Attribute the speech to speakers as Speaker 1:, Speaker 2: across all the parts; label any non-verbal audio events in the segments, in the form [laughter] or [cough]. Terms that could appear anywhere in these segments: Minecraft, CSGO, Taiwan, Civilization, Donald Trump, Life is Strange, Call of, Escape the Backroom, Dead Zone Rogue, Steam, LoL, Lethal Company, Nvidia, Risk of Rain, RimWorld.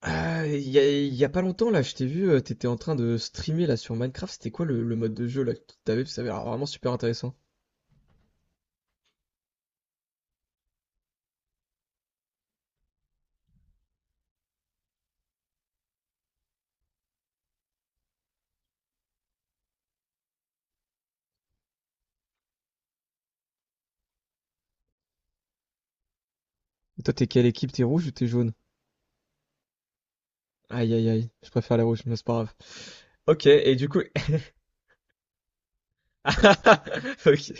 Speaker 1: Ah, il y a pas longtemps là, je t'ai vu, t'étais en train de streamer là sur Minecraft, c'était quoi le mode de jeu là que t'avais? Parce que ça avait l'air vraiment super intéressant. Et toi, t'es quelle équipe? T'es rouge ou t'es jaune? Aïe aïe aïe, je préfère les rouges, mais c'est pas grave. Ok, et du coup... [laughs] Ok,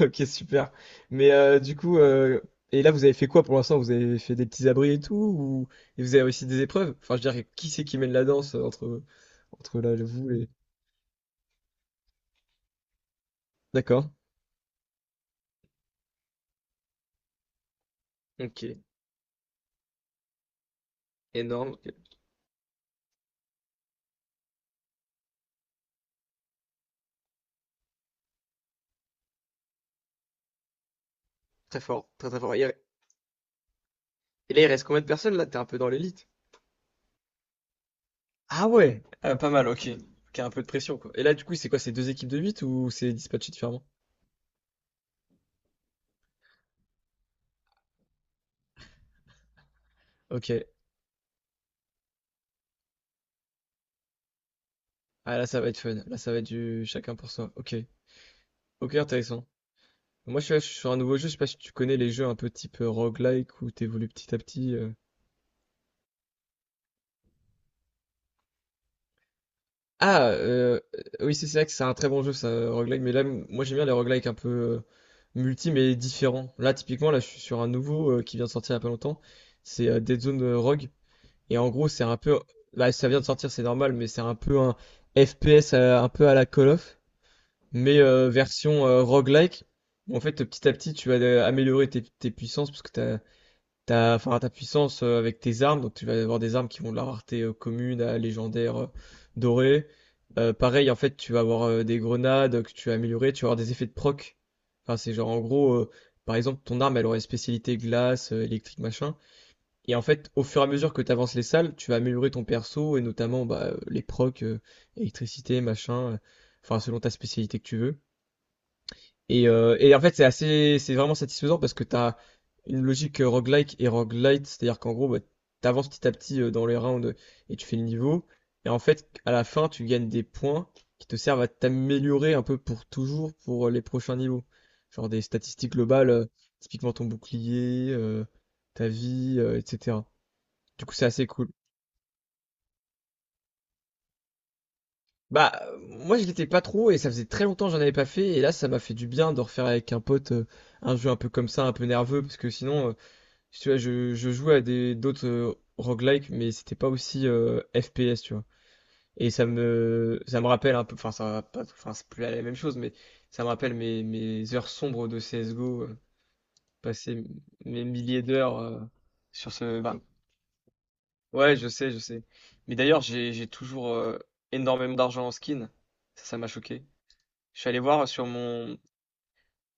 Speaker 1: ok, super. Mais du coup, et là vous avez fait quoi pour l'instant? Vous avez fait des petits abris et tout, ou et vous avez réussi des épreuves? Enfin, je veux dire, qui c'est qui mène la danse entre vous et... D'accord. Ok, énorme, très fort, très fort. Et là, il reste combien de personnes là? T'es un peu dans l'élite. Ah ouais, ah, pas mal, ok. Ok, un peu de pression, quoi. Et là, du coup, c'est quoi? C'est deux équipes de 8 ou c'est dispatché différemment? Ok. Ah, là, ça va être fun. Là, ça va être du chacun pour soi. Ok. Ok, intéressant. Moi, je suis sur un nouveau jeu. Je sais pas si tu connais les jeux un peu type roguelike où t'évolues petit à petit. Ah, oui, c'est vrai que c'est un très bon jeu, ça, roguelike. Mais là, moi, j'aime bien les roguelike un peu multi, mais différents. Là, typiquement, là, je suis sur un nouveau qui vient de sortir il y a pas longtemps. C'est Dead Zone Rogue. Et en gros, c'est un peu. Là, ça vient de sortir, c'est normal, mais c'est un peu un FPS un peu à la Call of, mais version roguelike. En fait, petit à petit, tu vas améliorer tes puissances parce que enfin, ta puissance avec tes armes. Donc, tu vas avoir des armes qui vont de la rareté commune à légendaire dorée. Pareil, en fait, tu vas avoir des grenades que tu vas améliorer. Tu vas avoir des effets de proc. Enfin, c'est genre, en gros, par exemple, ton arme, elle aurait spécialité glace, électrique, machin. Et en fait, au fur et à mesure que tu avances les salles, tu vas améliorer ton perso et notamment bah, les procs, électricité, machin, enfin selon ta spécialité que tu veux. Et en fait, c'est vraiment satisfaisant parce que tu as une logique roguelike et roguelite, c'est-à-dire qu'en gros, bah, tu avances petit à petit dans les rounds et tu fais le niveau. Et en fait, à la fin, tu gagnes des points qui te servent à t'améliorer un peu pour toujours pour les prochains niveaux. Genre des statistiques globales, typiquement ton bouclier, ta vie, etc. Du coup, c'est assez cool. Bah, moi, je l'étais pas trop et ça faisait très longtemps que j'en avais pas fait. Et là, ça m'a fait du bien de refaire avec un pote un jeu un peu comme ça, un peu nerveux. Parce que sinon, si tu vois, je jouais à des d'autres roguelike, mais c'était pas aussi FPS, tu vois. Et ça me rappelle un peu, enfin, ça va pas, enfin, c'est plus la même chose, mais ça me rappelle mes heures sombres de CSGO, passer mes milliers d'heures sur ce, enfin, ouais, je sais, je sais. Mais d'ailleurs, j'ai toujours énormément d'argent en skin. Ça m'a choqué. Je suis allé voir sur mon...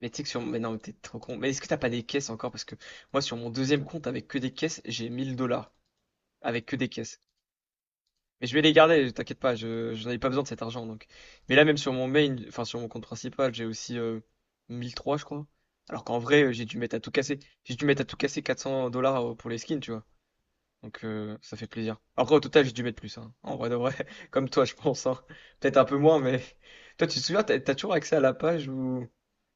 Speaker 1: Mais tu sais que sur... Mais non, mais t'es trop con. Mais est-ce que t'as pas des caisses encore? Parce que moi, sur mon deuxième compte, avec que des caisses, j'ai 1 000 dollars. Avec que des caisses. Mais je vais les garder, t'inquiète pas, je n'en ai pas besoin de cet argent, donc. Mais là, même sur mon main, enfin, sur mon compte principal, j'ai aussi 1003, je crois. Alors qu'en vrai, j'ai dû mettre à tout casser. J'ai dû mettre à tout casser 400 dollars pour les skins, tu vois. Donc ça fait plaisir. Après au total j'ai dû mettre plus, hein. En vrai de vrai, [laughs] comme toi je pense, hein. Peut-être un peu moins, mais [laughs] toi tu te souviens, t'as toujours accès à la page où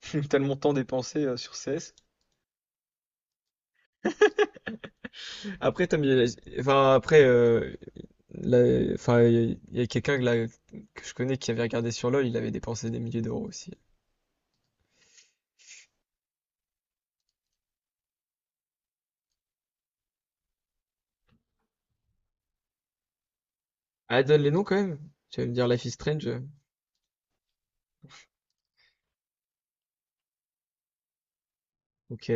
Speaker 1: [laughs] t'as le montant dépensé sur CS? Après, enfin, après, enfin, quelqu'un que je connais qui avait regardé sur LoL, il avait dépensé des milliers d'euros aussi. Ah, donne les noms quand même. Tu vas me dire Life is Strange. Ok,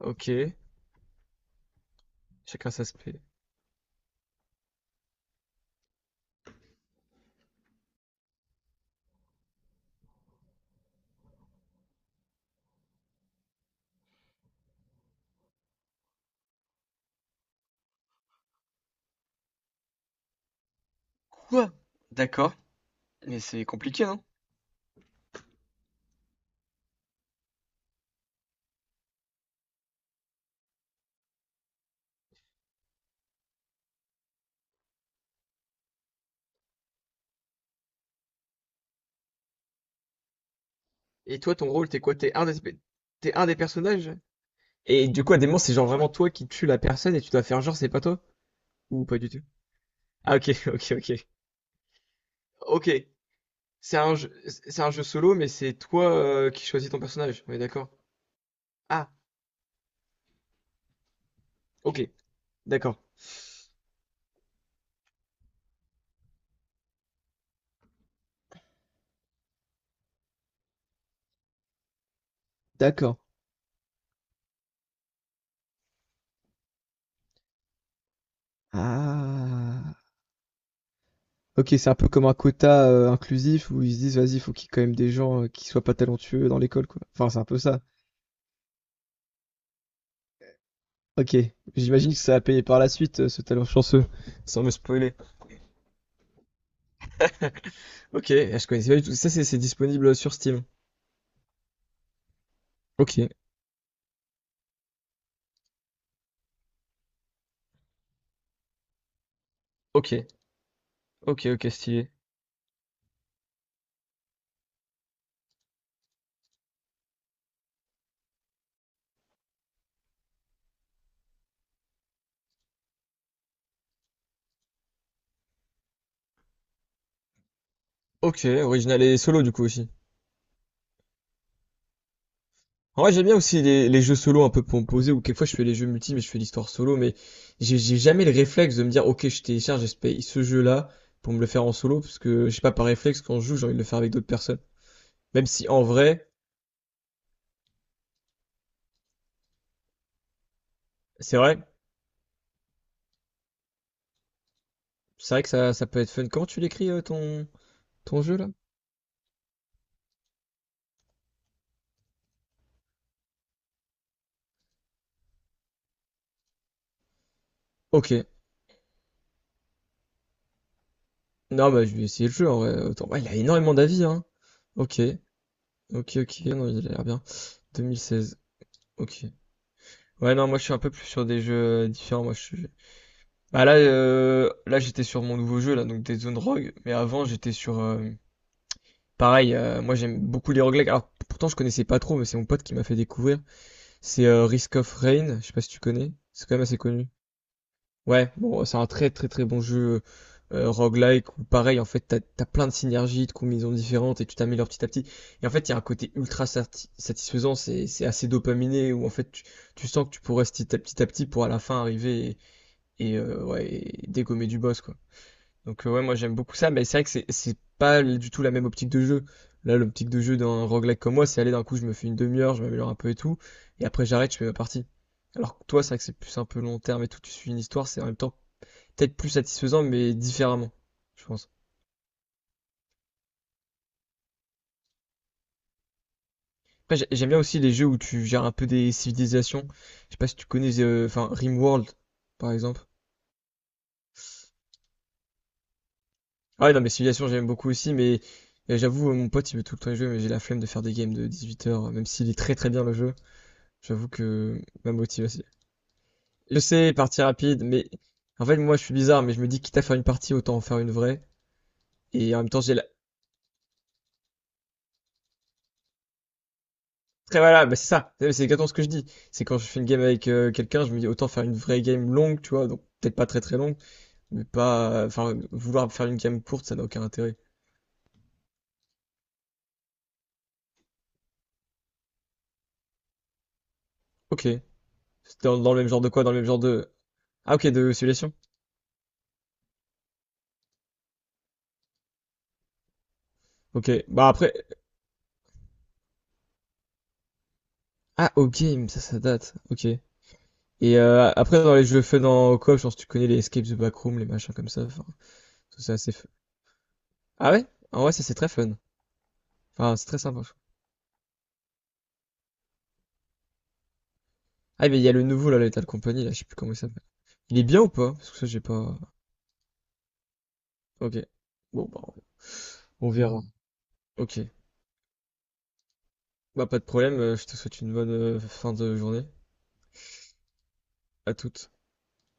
Speaker 1: ok. Chacun sa spé. Quoi? D'accord, mais c'est compliqué, hein. Et toi, ton rôle, t'es quoi? T'es un des personnages? Et du coup, à des moments, c'est genre vraiment toi qui tue la personne et tu dois faire genre c'est pas toi? Ou pas du tout? Ah, ok, [laughs] ok, ok. Ok. C'est un jeu solo, mais c'est toi qui choisis ton personnage. On est d'accord? Ah, ok, d'accord. D'accord. Ah. Ok, c'est un peu comme un quota inclusif où ils se disent, vas-y, faut qu'il y ait quand même des gens qui soient pas talentueux dans l'école, quoi. Enfin, c'est un peu ça. Ok. J'imagine que ça a payé par la suite, ce talent chanceux. Sans me spoiler. Ok, je connaissais pas du tout. Ça, c'est disponible sur Steam. Ok, ok. Ok, ok, stylé. Ok, original et solo du coup aussi. En vrai, j'aime bien aussi les jeux solo un peu composés ou quelquefois je fais les jeux multi mais je fais l'histoire solo mais j'ai jamais le réflexe de me dire ok je télécharge et je paye ce jeu-là pour me le faire en solo parce que je sais pas par réflexe quand je joue j'ai envie de le faire avec d'autres personnes. Même si en vrai, c'est vrai, c'est vrai que ça peut être fun. Comment tu l'écris ton ton jeu là? Ok. Non bah je vais essayer le jeu en vrai. Ouais, il a énormément d'avis hein. Ok, ok, ok, non il a l'air bien. 2016. Ok. Ouais, non, moi je suis un peu plus sur des jeux différents. Moi, je suis... Bah là, là j'étais sur mon nouveau jeu, là, donc des zones rogue. Mais avant, j'étais sur... pareil, moi j'aime beaucoup les roguelikes. Alors pourtant, je connaissais pas trop, mais c'est mon pote qui m'a fait découvrir. C'est Risk of Rain, je sais pas si tu connais. C'est quand même assez connu. Ouais, bon, c'est un très bon jeu roguelike où pareil, en fait, t'as plein de synergies, de combinaisons différentes et tu t'améliores petit à petit. Et en fait, il y a un côté ultra satisfaisant, c'est assez dopaminé où en fait, tu sens que tu progresses petit à petit pour à la fin arriver ouais, et dégommer du boss, quoi. Donc, ouais, moi j'aime beaucoup ça, mais c'est vrai que c'est pas du tout la même optique de jeu. Là, l'optique de jeu d'un roguelike comme moi, c'est aller d'un coup, je me fais une demi-heure, je m'améliore un peu et tout, et après j'arrête, je fais ma partie. Alors que toi, c'est vrai que c'est plus un peu long terme et tout, tu suis une histoire, c'est en même temps peut-être plus satisfaisant, mais différemment, je pense. Après, j'aime bien aussi les jeux où tu gères un peu des civilisations. Je sais pas si tu connais, enfin, RimWorld, par exemple. Ah ouais, non, mais Civilization, j'aime beaucoup aussi, mais j'avoue, mon pote, il veut tout le temps y jouer, mais j'ai la flemme de faire des games de 18 heures, même s'il est très très bien le jeu. J'avoue que ma motivation. Je sais, partie rapide, mais en fait, moi, je suis bizarre, mais je me dis, quitte à faire une partie, autant en faire une vraie. Et en même temps, j'ai la. Très voilà, bah, c'est ça, c'est exactement ce que je dis. C'est quand je fais une game avec quelqu'un, je me dis, autant faire une vraie game longue, tu vois, donc peut-être pas très très longue, mais pas. Enfin, vouloir faire une game courte, ça n'a aucun intérêt. Ok. C'était dans le même genre de quoi? Dans le même genre de. Ah, ok, de simulation. Ok. Bah après. Ah, au game, ça date. Ok. Et après, dans les jeux faits dans coop, je pense que tu connais les Escape the Backroom, les machins comme ça. Enfin, tout ça, c'est fun. Ah ouais? En vrai, ça, c'est très fun. Enfin, c'est très sympa. Je trouve. Ah, mais il y a le nouveau, là, Lethal Company, là, je sais plus comment il s'appelle. Il est bien ou pas? Parce que ça, j'ai pas. Ok. Bon, bah, on verra. Ok. Bah, pas de problème. Je te souhaite une bonne fin de journée. À toutes.